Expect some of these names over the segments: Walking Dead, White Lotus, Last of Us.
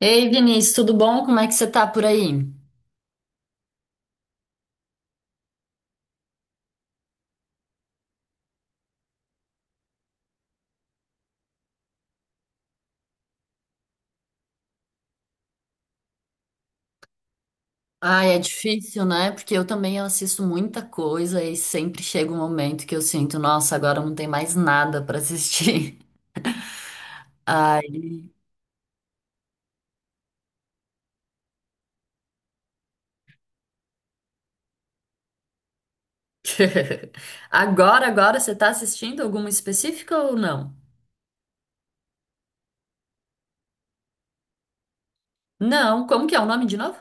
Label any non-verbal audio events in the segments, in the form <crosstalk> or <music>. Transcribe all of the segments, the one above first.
Ei, Vinícius, tudo bom? Como é que você tá por aí? Ai, é difícil, né? Porque eu também assisto muita coisa e sempre chega um momento que eu sinto, nossa, agora não tem mais nada pra assistir. <laughs> Ai. <laughs> Agora você tá assistindo alguma específica ou não? Não, como que é o nome de novo?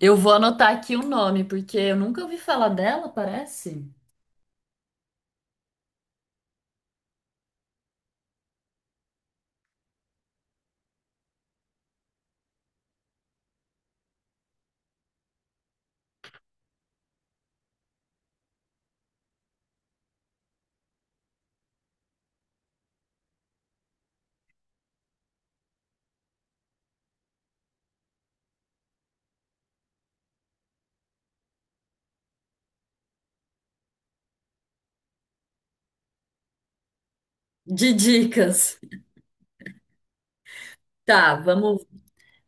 Eu vou anotar aqui o nome, porque eu nunca ouvi falar dela, parece. De dicas. Tá. vamos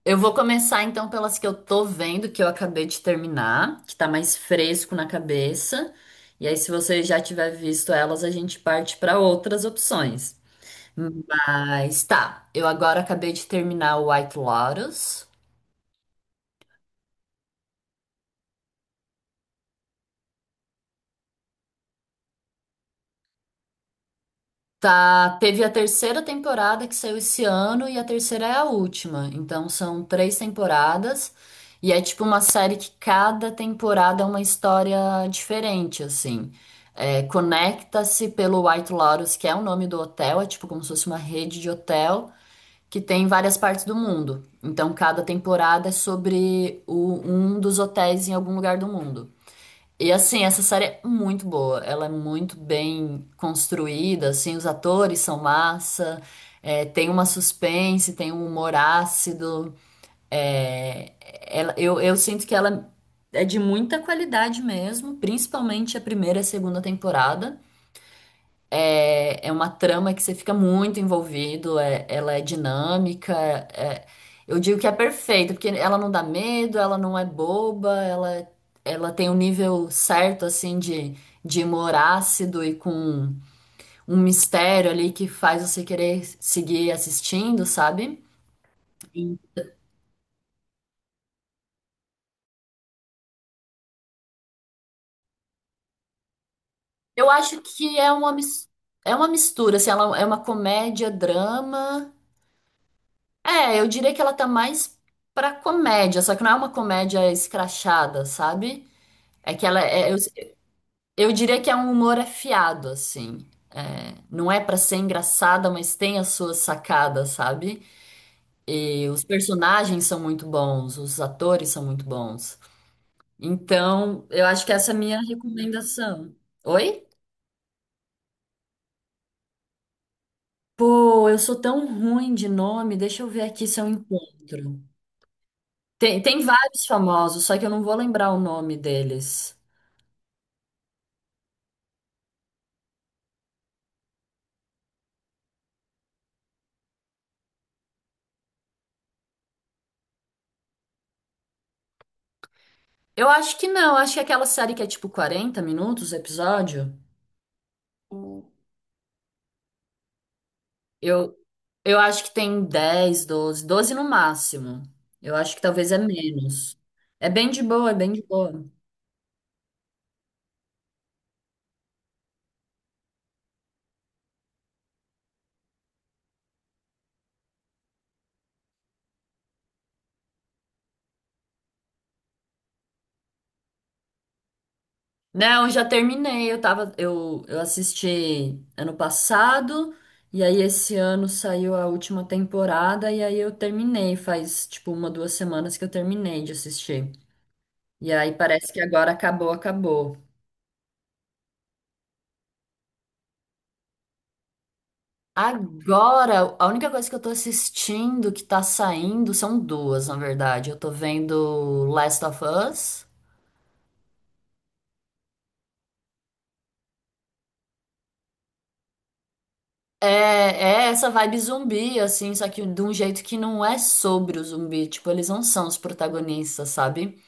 Eu vou começar então pelas que eu tô vendo, que eu acabei de terminar, que tá mais fresco na cabeça. E aí, se você já tiver visto elas, a gente parte para outras opções. Mas tá, eu agora acabei de terminar o White Lotus. Tá, teve a terceira temporada que saiu esse ano e a terceira é a última. Então são três temporadas e é tipo uma série que cada temporada é uma história diferente, assim. É, conecta-se pelo White Lotus, que é o nome do hotel, é tipo como se fosse uma rede de hotel que tem em várias partes do mundo. Então cada temporada é sobre um dos hotéis em algum lugar do mundo. E assim, essa série é muito boa, ela é muito bem construída, assim, os atores são massa, é, tem uma suspense, tem um humor ácido. É, ela- eu, eu sinto que ela é de muita qualidade mesmo, principalmente a primeira e a segunda temporada. É uma trama que você fica muito envolvido. Ela é dinâmica. é- eu digo que é perfeita, porque ela não dá medo, ela não é boba, ela tem um nível certo, assim, de humor ácido e com um mistério ali que faz você querer seguir assistindo, sabe? Sim. Eu acho que é uma mistura, assim, ela é uma comédia, drama. É, eu diria que ela tá mais pra comédia, só que não é uma comédia escrachada, sabe? É que eu diria que é um humor afiado, assim. É, não é pra ser engraçada, mas tem as suas sacadas, sabe? E os personagens são muito bons, os atores são muito bons. Então, eu acho que essa é a minha recomendação. Oi? Pô, eu sou tão ruim de nome, deixa eu ver aqui se eu encontro. Tem vários famosos, só que eu não vou lembrar o nome deles. Eu acho que não, acho que aquela série que é tipo 40 minutos o episódio. Eu, eu acho que tem 10, doze no máximo. Eu acho que talvez é menos. É bem de boa, é bem de boa. Não, já terminei, eu assisti ano passado, e aí esse ano saiu a última temporada, e aí eu terminei, faz tipo uma, 2 semanas que eu terminei de assistir. E aí parece que agora acabou, acabou. Agora, a única coisa que eu tô assistindo que tá saindo são duas, na verdade. Eu tô vendo Last of Us. É essa vibe zumbi, assim, só que de um jeito que não é sobre o zumbi. Tipo, eles não são os protagonistas, sabe?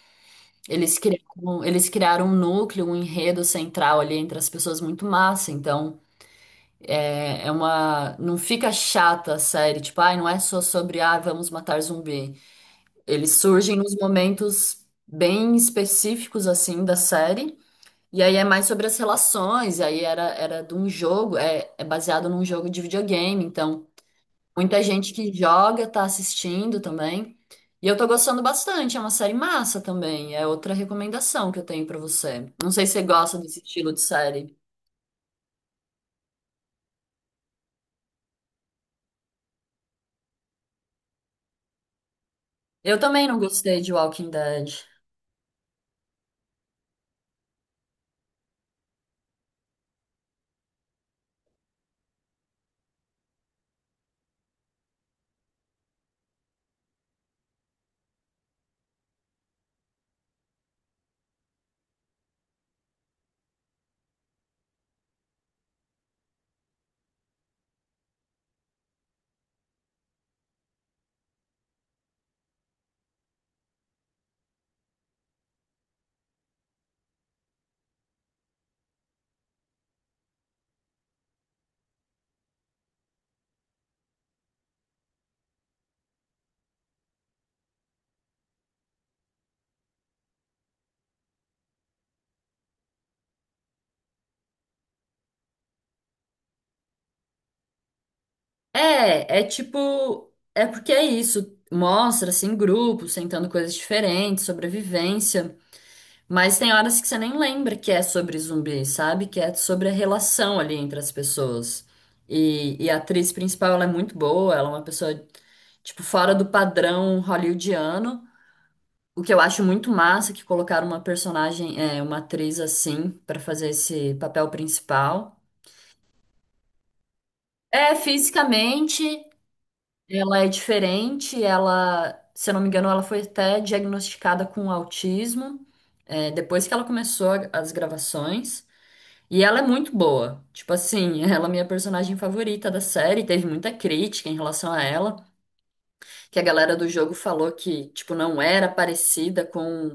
Eles criaram um núcleo, um enredo central ali entre as pessoas muito massa. Então, é, é uma. não fica chata a série, tipo, ai, não é só sobre, ah, vamos matar zumbi. Eles surgem nos momentos bem específicos, assim, da série. E aí é mais sobre as relações. E aí era de um jogo, é baseado num jogo de videogame. Então, muita gente que joga tá assistindo também. E eu tô gostando bastante. É uma série massa também. É outra recomendação que eu tenho pra você. Não sei se você gosta desse estilo de série. Eu também não gostei de Walking Dead. É tipo, é porque é isso. Mostra, assim, grupos tentando coisas diferentes, sobrevivência. Mas tem horas que você nem lembra que é sobre zumbi, sabe? Que é sobre a relação ali entre as pessoas. E a atriz principal, ela é muito boa, ela é uma pessoa, tipo, fora do padrão hollywoodiano. O que eu acho muito massa é que colocaram uma personagem, uma atriz assim, pra fazer esse papel principal. É, fisicamente. Ela é diferente, ela, se eu não me engano, ela foi até diagnosticada com autismo, depois que ela começou as gravações. E ela é muito boa. Tipo assim, <laughs> ela é minha personagem favorita da série. Teve muita crítica em relação a ela, que a galera do jogo falou que, tipo, não era parecida com,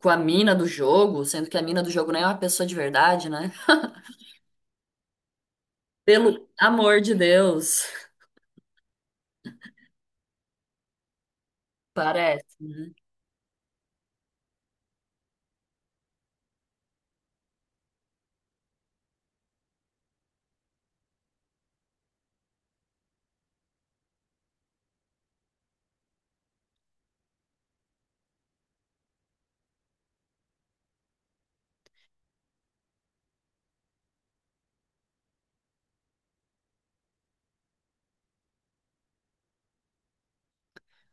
com a mina do jogo, sendo que a mina do jogo nem é uma pessoa de verdade, né? Pelo amor de Deus, <laughs> parece.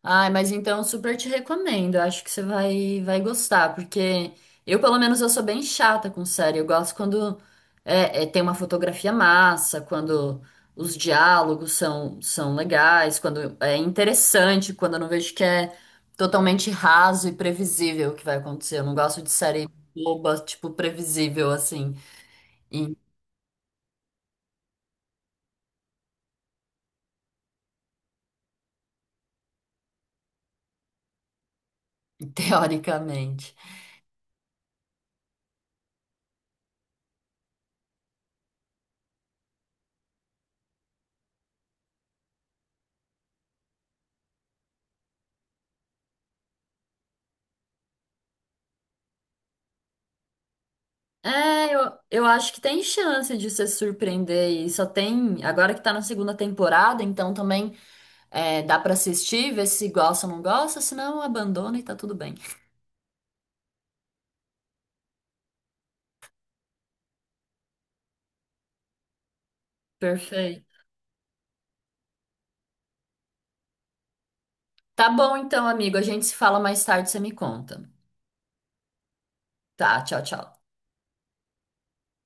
Ai, mas então super te recomendo. Eu acho que você vai gostar, porque eu, pelo menos, eu sou bem chata com série. Eu gosto quando tem uma fotografia massa, quando os diálogos são legais, quando é interessante, quando eu não vejo que é totalmente raso e previsível o que vai acontecer. Eu não gosto de série boba, tipo, previsível, assim, e, <laughs> teoricamente. É, eu acho que tem chance de se surpreender e só tem, agora que tá na segunda temporada, então também dá pra assistir, ver se gosta ou não gosta, senão abandona e tá tudo bem. Perfeito. Tá bom então, amigo, a gente se fala mais tarde, você me conta. Tá, tchau, tchau.